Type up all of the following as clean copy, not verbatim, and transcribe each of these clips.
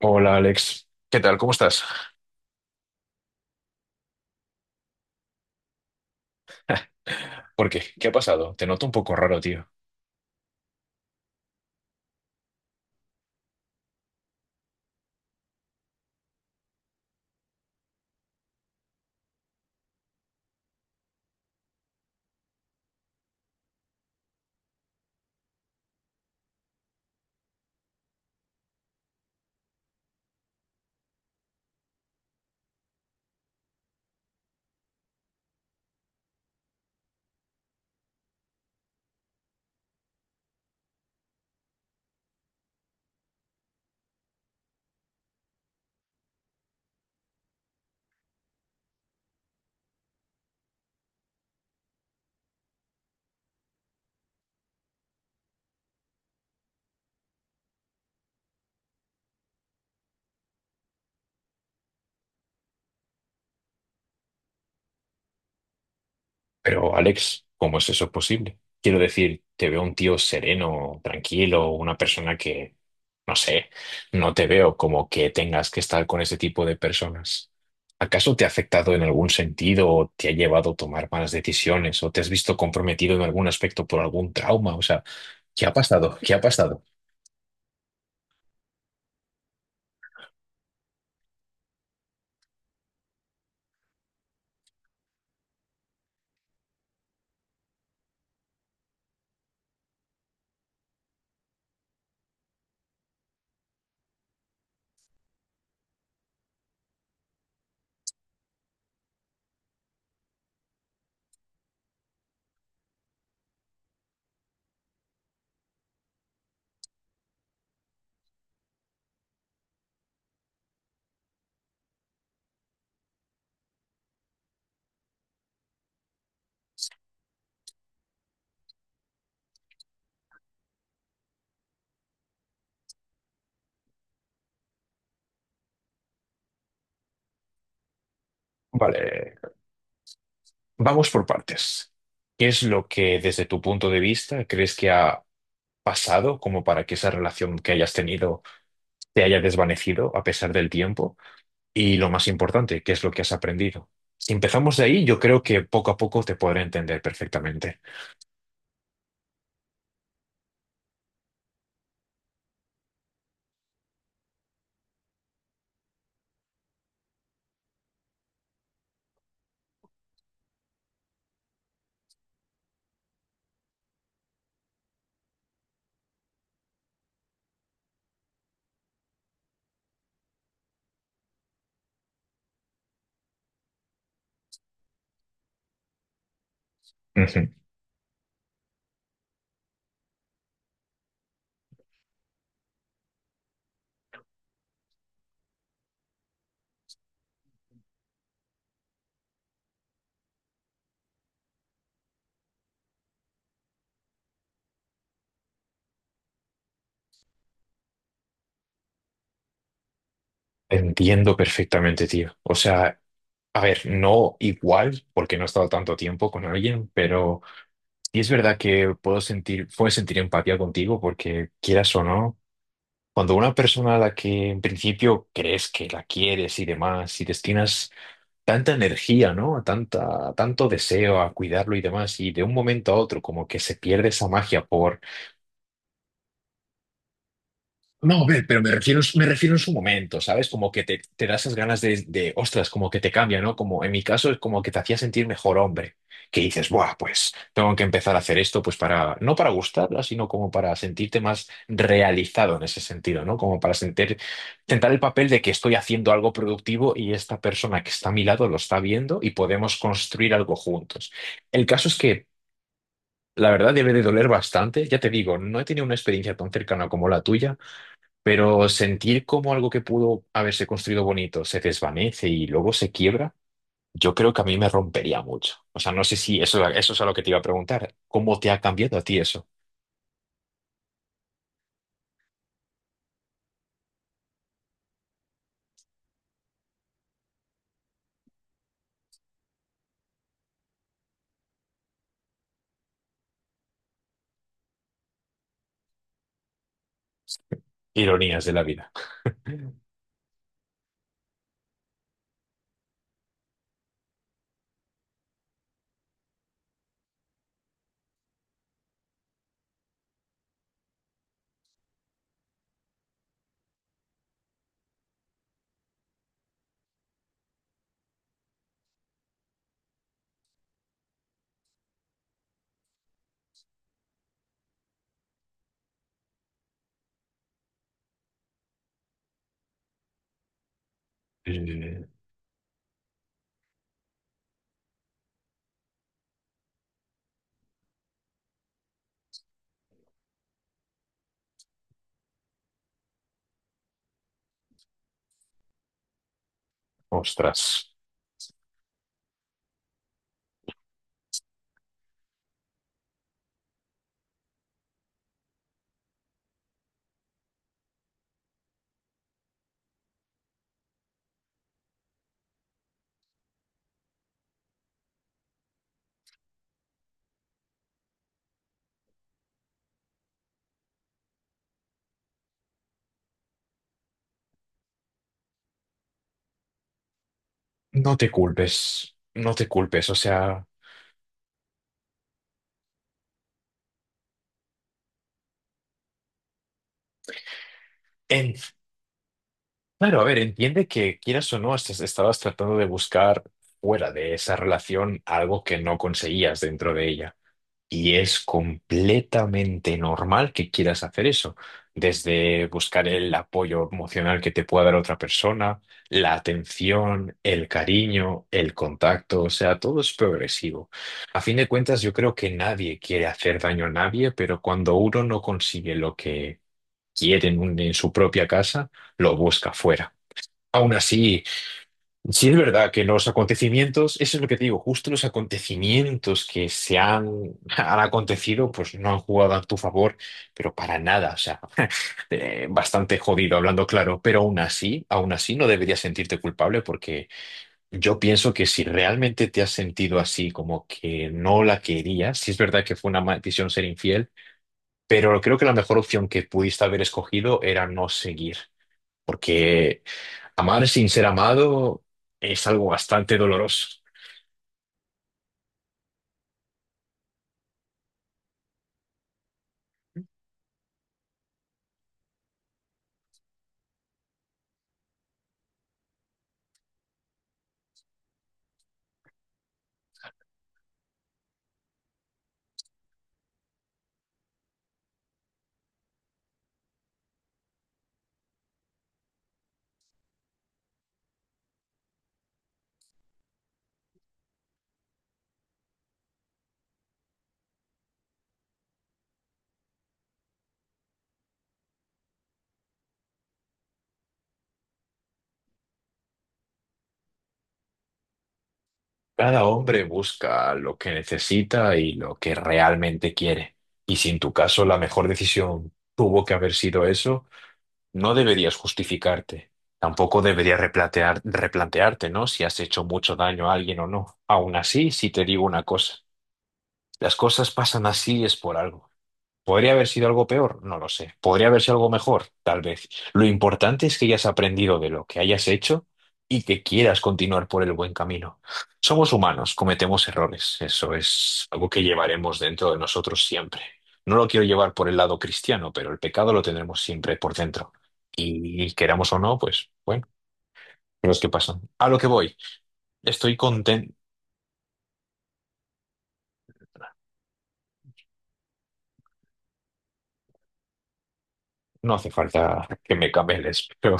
Hola Alex, ¿qué tal? ¿Cómo estás? ¿Por qué? ¿Qué ha pasado? Te noto un poco raro, tío. Pero Alex, ¿cómo es eso posible? Quiero decir, te veo un tío sereno, tranquilo, una persona que, no sé, no te veo como que tengas que estar con ese tipo de personas. ¿Acaso te ha afectado en algún sentido o te ha llevado a tomar malas decisiones o te has visto comprometido en algún aspecto por algún trauma? O sea, ¿qué ha pasado? ¿Qué ha pasado? Vale. Vamos por partes. ¿Qué es lo que desde tu punto de vista crees que ha pasado como para que esa relación que hayas tenido te haya desvanecido a pesar del tiempo? Y lo más importante, ¿qué es lo que has aprendido? Si empezamos de ahí, yo creo que poco a poco te podré entender perfectamente. Ujú. Entiendo perfectamente, tío. O sea, a ver, no igual, porque no he estado tanto tiempo con alguien, pero sí es verdad que puedo sentir empatía contigo porque quieras o no. Cuando una persona a la que en principio crees que la quieres y demás, y destinas tanta energía, ¿no? A tanta, a tanto deseo a cuidarlo y demás, y de un momento a otro como que se pierde esa magia por... No, ve, pero me refiero en su momento, ¿sabes? Como que te da esas ganas de, ostras, como que te cambia, ¿no? Como en mi caso es como que te hacía sentir mejor hombre, que dices, buah, pues tengo que empezar a hacer esto, pues para, no para gustarla, sino como para sentirte más realizado en ese sentido, ¿no? Como para sentir, tentar el papel de que estoy haciendo algo productivo y esta persona que está a mi lado lo está viendo y podemos construir algo juntos. El caso es que... La verdad debe de doler bastante, ya te digo, no he tenido una experiencia tan cercana como la tuya, pero sentir como algo que pudo haberse construido bonito se desvanece y luego se quiebra, yo creo que a mí me rompería mucho. O sea, no sé si eso, eso es a lo que te iba a preguntar. ¿Cómo te ha cambiado a ti eso? Ironías de la vida. Eh, Ostras, no te culpes, no te culpes. O sea, en, claro, a ver, entiende que quieras o no, estabas tratando de buscar fuera de esa relación algo que no conseguías dentro de ella. Y es completamente normal que quieras hacer eso, desde buscar el apoyo emocional que te pueda dar otra persona, la atención, el cariño, el contacto, o sea, todo es progresivo. A fin de cuentas, yo creo que nadie quiere hacer daño a nadie, pero cuando uno no consigue lo que quiere en, en su propia casa, lo busca fuera. Aún así, sí, es verdad que los acontecimientos, eso es lo que te digo, justo los acontecimientos que se han, han acontecido, pues no han jugado a tu favor, pero para nada, o sea, bastante jodido hablando claro, pero aún así no deberías sentirte culpable porque yo pienso que si realmente te has sentido así, como que no la querías, sí es verdad que fue una maldición ser infiel, pero creo que la mejor opción que pudiste haber escogido era no seguir porque amar sin ser amado es algo bastante doloroso. Cada hombre busca lo que necesita y lo que realmente quiere. Y si en tu caso la mejor decisión tuvo que haber sido eso, no deberías justificarte. Tampoco deberías replantearte, ¿no? Si has hecho mucho daño a alguien o no. Aún así, si te digo una cosa, las cosas pasan así es por algo. ¿Podría haber sido algo peor? No lo sé. ¿Podría haber sido algo mejor? Tal vez. Lo importante es que hayas aprendido de lo que hayas hecho y que quieras continuar por el buen camino. Somos humanos, cometemos errores. Eso es algo que llevaremos dentro de nosotros siempre. No lo quiero llevar por el lado cristiano, pero el pecado lo tendremos siempre por dentro. Y queramos o no, pues bueno, cosas que pasan. A lo que voy. Estoy contento. No hace falta que me cameles, pero...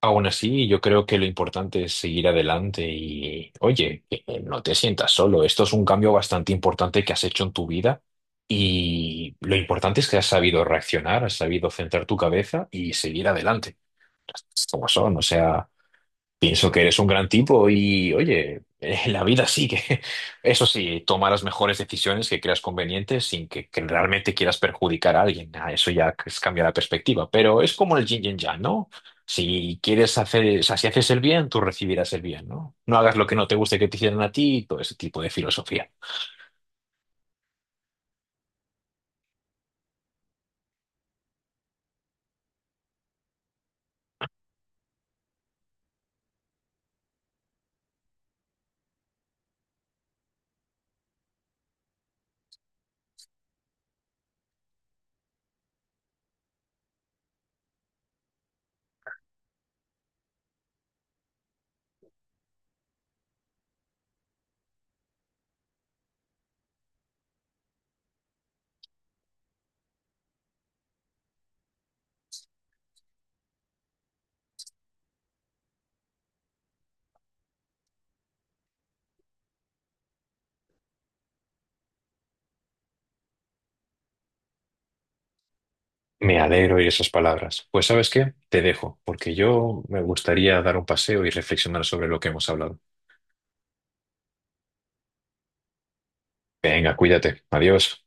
Aún así, yo creo que lo importante es seguir adelante y, oye, que no te sientas solo. Esto es un cambio bastante importante que has hecho en tu vida y lo importante es que has sabido reaccionar, has sabido centrar tu cabeza y seguir adelante. Como son, o sea. Pienso que eres un gran tipo y, oye, la vida sigue. Eso sí, toma las mejores decisiones que creas convenientes sin que realmente quieras perjudicar a alguien. Ah, eso ya es cambiar la perspectiva. Pero es como el yin y el yang, ¿no? Si quieres hacer, o sea, si haces el bien, tú recibirás el bien, ¿no? No hagas lo que no te guste que te hicieran a ti y todo ese tipo de filosofía. Me alegro de esas palabras. Pues, ¿sabes qué? Te dejo, porque yo me gustaría dar un paseo y reflexionar sobre lo que hemos hablado. Venga, cuídate. Adiós.